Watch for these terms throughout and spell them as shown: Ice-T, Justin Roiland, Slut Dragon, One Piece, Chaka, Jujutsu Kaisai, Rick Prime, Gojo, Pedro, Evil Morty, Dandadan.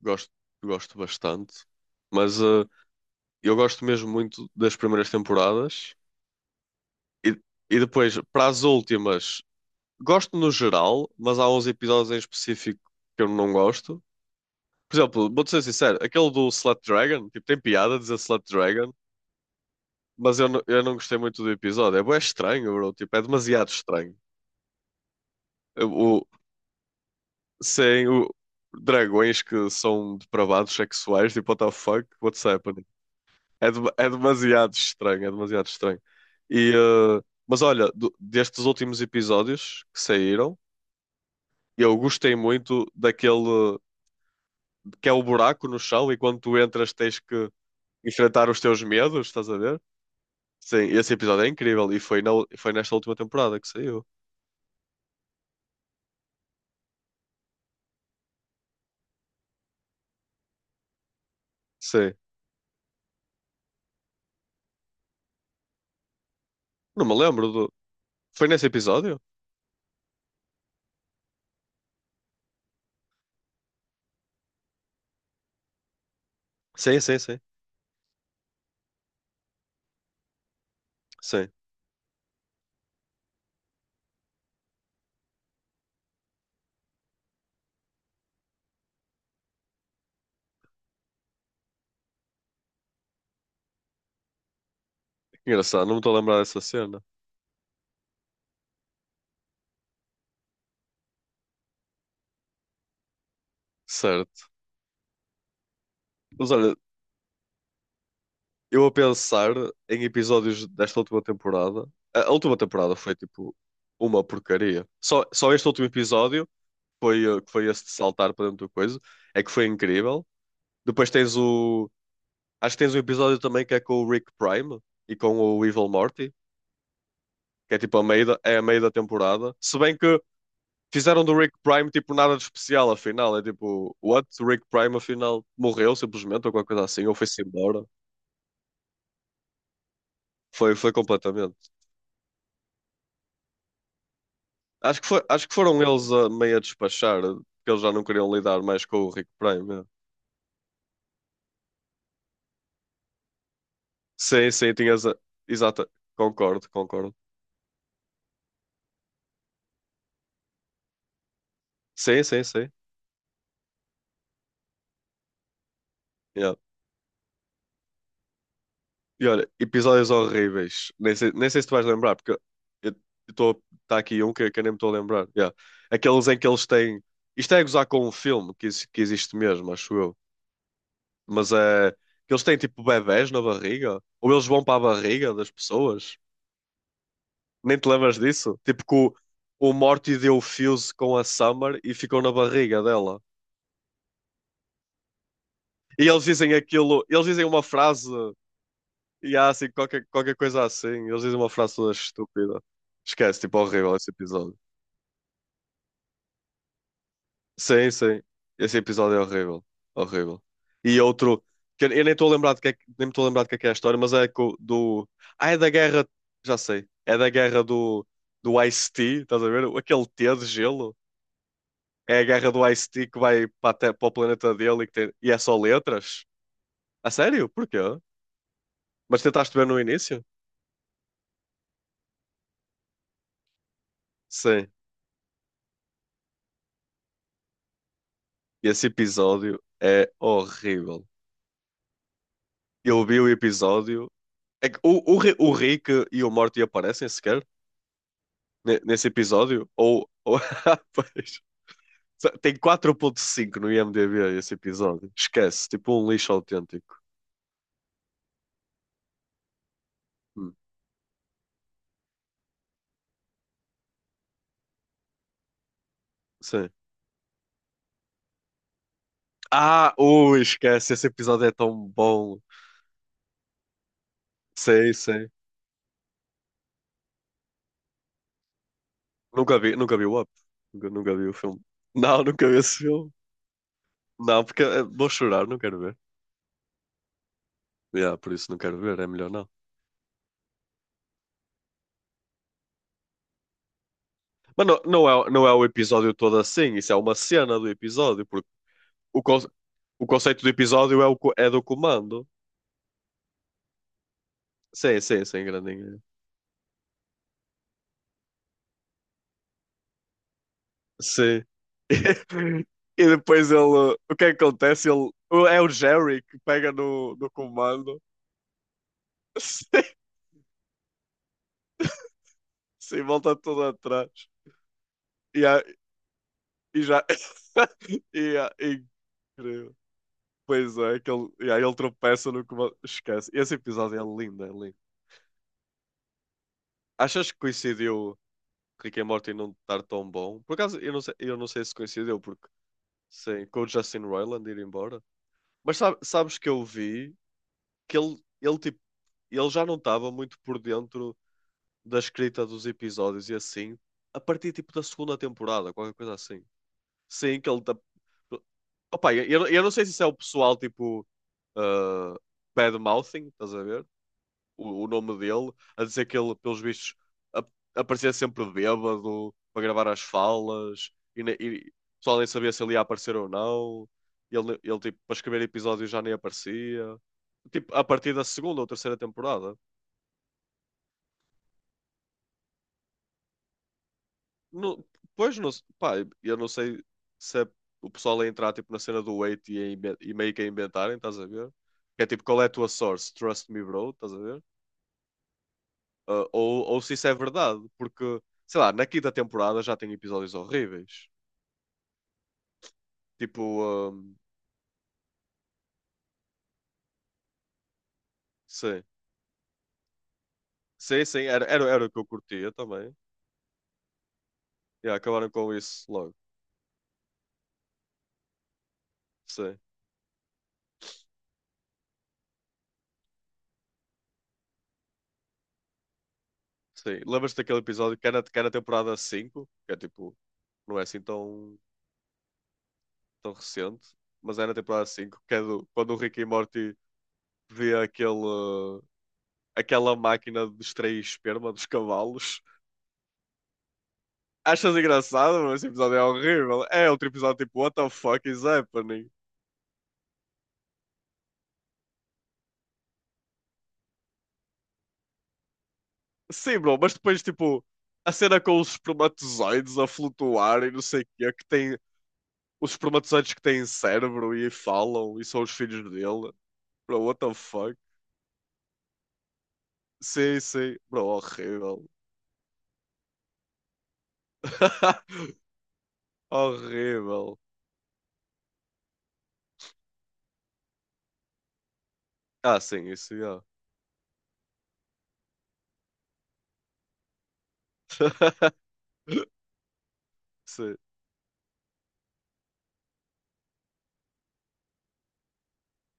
Gosto, gosto bastante, mas eu gosto mesmo muito das primeiras temporadas e, e depois para as últimas, gosto no geral, mas há uns episódios em específico que eu não gosto. Por exemplo, vou-te ser sincero, aquele do Slut Dragon, tipo, tem piada dizer Slut Dragon, mas eu não gostei muito do episódio. É, bué estranho, bro, tipo, é demasiado estranho. O, sem o dragões que são depravados sexuais, tipo, what the fuck, what's happening? É demasiado estranho, é demasiado estranho. E, mas olha, destes últimos episódios que saíram, eu gostei muito daquele que é o buraco no chão e quando tu entras tens que enfrentar os teus medos, estás a ver? Sim, esse episódio é incrível e foi nesta última temporada que saiu. Sim, não me lembro do. Foi nesse episódio? Sim, sim, sim. Sim, engraçado, não me estou a lembrar dessa cena. Certo. Mas olha, eu a pensar em episódios desta última temporada. A última temporada foi tipo uma porcaria. Só este último episódio que foi esse de saltar para dentro do coisa. É que foi incrível. Depois tens o. Acho que tens um episódio também que é com o Rick Prime e com o Evil Morty, que é tipo é a meio da temporada. Se bem que fizeram do Rick Prime tipo nada de especial, afinal. É tipo, what? O Rick Prime afinal morreu simplesmente ou qualquer coisa assim, ou foi-se embora. Foi, foi completamente. Acho que foram eles a meio a despachar, porque eles já não queriam lidar mais com o Rick Prime. Yeah. Sim, sim, tinhas. Exata. Concordo, concordo. Sim, sim, sim. Yeah. E olha, episódios horríveis. Nem sei se tu vais lembrar, porque eu estou. Está aqui um que eu nem me estou a lembrar. Yeah. Aqueles em que eles têm. Isto é gozar com um filme que existe mesmo, acho eu. Mas é. Que eles têm tipo bebés na barriga? Ou eles vão para a barriga das pessoas? Nem te lembras disso? Tipo que o Morty deu o fuse com a Summer e ficou na barriga dela. E eles dizem aquilo, eles dizem uma frase, e há assim, qualquer coisa assim. Eles dizem uma frase toda estúpida. Esquece, tipo, horrível esse episódio. Sim, sim. Esse episódio é horrível. Horrível. E outro, que eu nem estou a lembrar de que é, nem me estou a lembrar de que é a história, mas é do. Ah, é da guerra. Já sei. É da guerra do Ice-T, estás a ver? Aquele T de gelo. É a guerra do Ice-T que vai para o planeta dele e é só letras? A sério? Porquê? Mas tentaste ver no início? Sim. Esse episódio é horrível. Eu vi o episódio. É que o Rick e o Morty aparecem sequer nesse episódio? Ou... Pois. Tem 4.5 no IMDb esse episódio. Esquece. Tipo um lixo autêntico. Hum. Sim. Ah, ui, esquece. Esse episódio é tão bom. Sim, sim. Nunca vi, nunca vi o Up. Nunca, nunca vi o filme. Não, nunca vi esse filme. Não, porque vou chorar, não quero ver. Yeah, por isso não quero ver, é melhor não. Mas não, não é, não é o episódio todo assim, isso é uma cena do episódio, porque o, conce- o conceito do episódio é do comando. Sim, sim, sim, grandinho. Sim. E depois ele. O que é que acontece? Ele, é o Jerry que pega no comando. Sim, sim, volta tudo atrás. E já. E, ah, incrível. Pois é, e aí ele tropeça no que Esquece. Esse episódio é lindo, é lindo. Achas que coincidiu Rick and Morty não estar tão bom? Por acaso, eu não sei se coincidiu, porque sim, com o Justin Roiland ir embora. Mas sabes que eu vi que tipo, ele já não estava muito por dentro da escrita dos episódios e assim, a partir tipo da segunda temporada, qualquer coisa assim. Sim, que ele. Opa, eu não sei se isso é o pessoal, tipo uh, bad-mouthing, estás a ver? O nome dele, a dizer que ele, pelos vistos, ap- aparecia sempre bêbado para gravar as falas e o pessoal nem sabia se ele ia aparecer ou não. Ele tipo, para escrever episódios já nem aparecia. Tipo, a partir da segunda ou terceira temporada. Não, pois, não, pá, eu não sei se é o pessoal a entrar tipo, na cena do Wait e meio que a inventarem, estás a ver? Que é tipo, qual é a tua source? Trust me, bro, estás a ver? Ou se isso é verdade, porque, sei lá, na quinta temporada já tem episódios horríveis. Tipo, um, sim, sim, sim, era o que eu curtia também. E yeah, acabaram com isso logo. Sim, sim. Lembras-te daquele episódio que é na temporada 5 que é tipo, não é assim tão, tão recente, mas é na temporada 5 que é quando o Rick e Morty vê aquela máquina de extrair esperma dos cavalos. Achas engraçado, mas esse episódio é horrível. É outro episódio tipo, what the fuck is happening? Sim, bro, mas depois, tipo, a cena com os espermatozoides a flutuar e não sei o quê, que tem os espermatozoides que têm cérebro e falam e são os filhos dele. Bro, what the fuck? Sim, sim, bro, horrível. Horrível. Ah, sim, isso, yeah. Sim,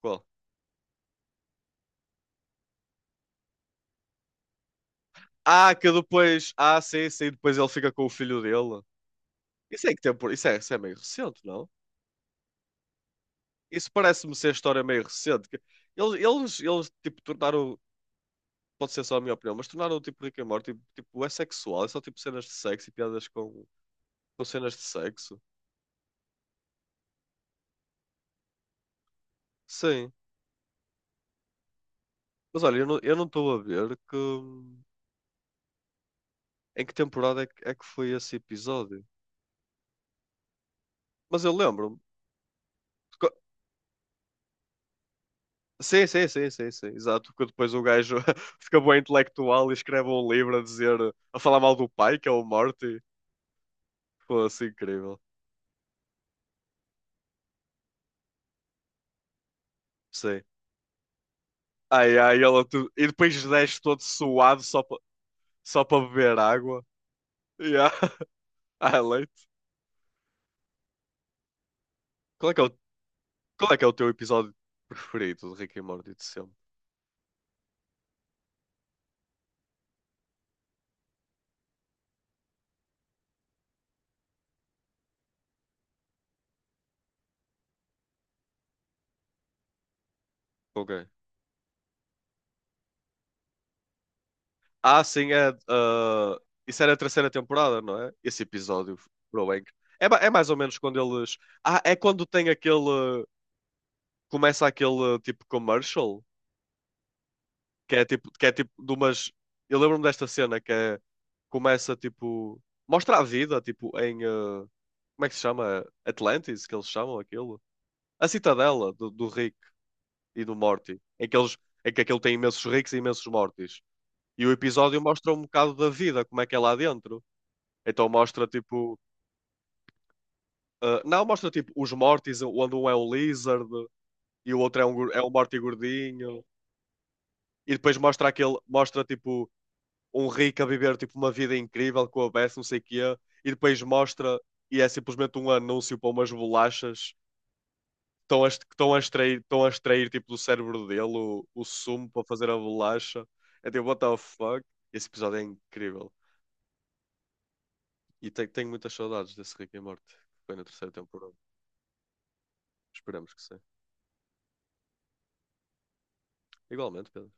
qual? Ah, que depois. Ah, sim, sim, depois ele fica com o filho dele. Isso é que tem por... isso é meio recente, não? Isso parece-me ser história meio recente. Eles tipo, tornaram pode ser só a minha opinião, mas tornaram tipo Rick and Morty, tipo, é sexual, é só tipo cenas de sexo e piadas com cenas de sexo. Sim, mas olha, eu não estou a ver em que temporada é que foi esse episódio. Mas eu lembro-me. Co- Sim, sim, sim, sim, sim, exato, porque depois o gajo fica bem intelectual e escreve um livro a falar mal do pai, que é o Morty. Pô, assim, incrível. Sim. Ai, ai, ela tu... e depois desce todo suado só para beber água. Yeah. Ah, leite. Qual é que é o Qual é que é o teu episódio preferido de Rick and Morty de sempre? Ok. Ah, sim, é. Isso era a terceira temporada, não é? Esse episódio, bro, é mais ou menos quando eles. Ah, é quando tem aquele. Começa aquele tipo commercial, que é tipo de umas. Eu lembro-me desta cena que é. Começa tipo. Mostra a vida, tipo, em. Como é que se chama? Atlantis, que eles chamam aquilo? A citadela do Rick e do Morty, em que eles. Em que aquilo tem imensos ricos e imensos mortis. E o episódio mostra um bocado da vida, como é que é lá dentro. Então mostra tipo. Não, mostra tipo os Mortys, onde um é um lizard e o outro é um Morty gordinho. E depois mostra aquele. Mostra tipo um rico a viver tipo uma vida incrível com a Beth, não sei o quê. E depois mostra. E é simplesmente um anúncio para umas bolachas que estão a extrair tipo do cérebro dele o sumo para fazer a bolacha. É tipo, what the fuck? Esse episódio é incrível. E tenho muitas saudades desse Rick and Morty. Que foi na terceira temporada. Esperamos que sim. Igualmente, Pedro.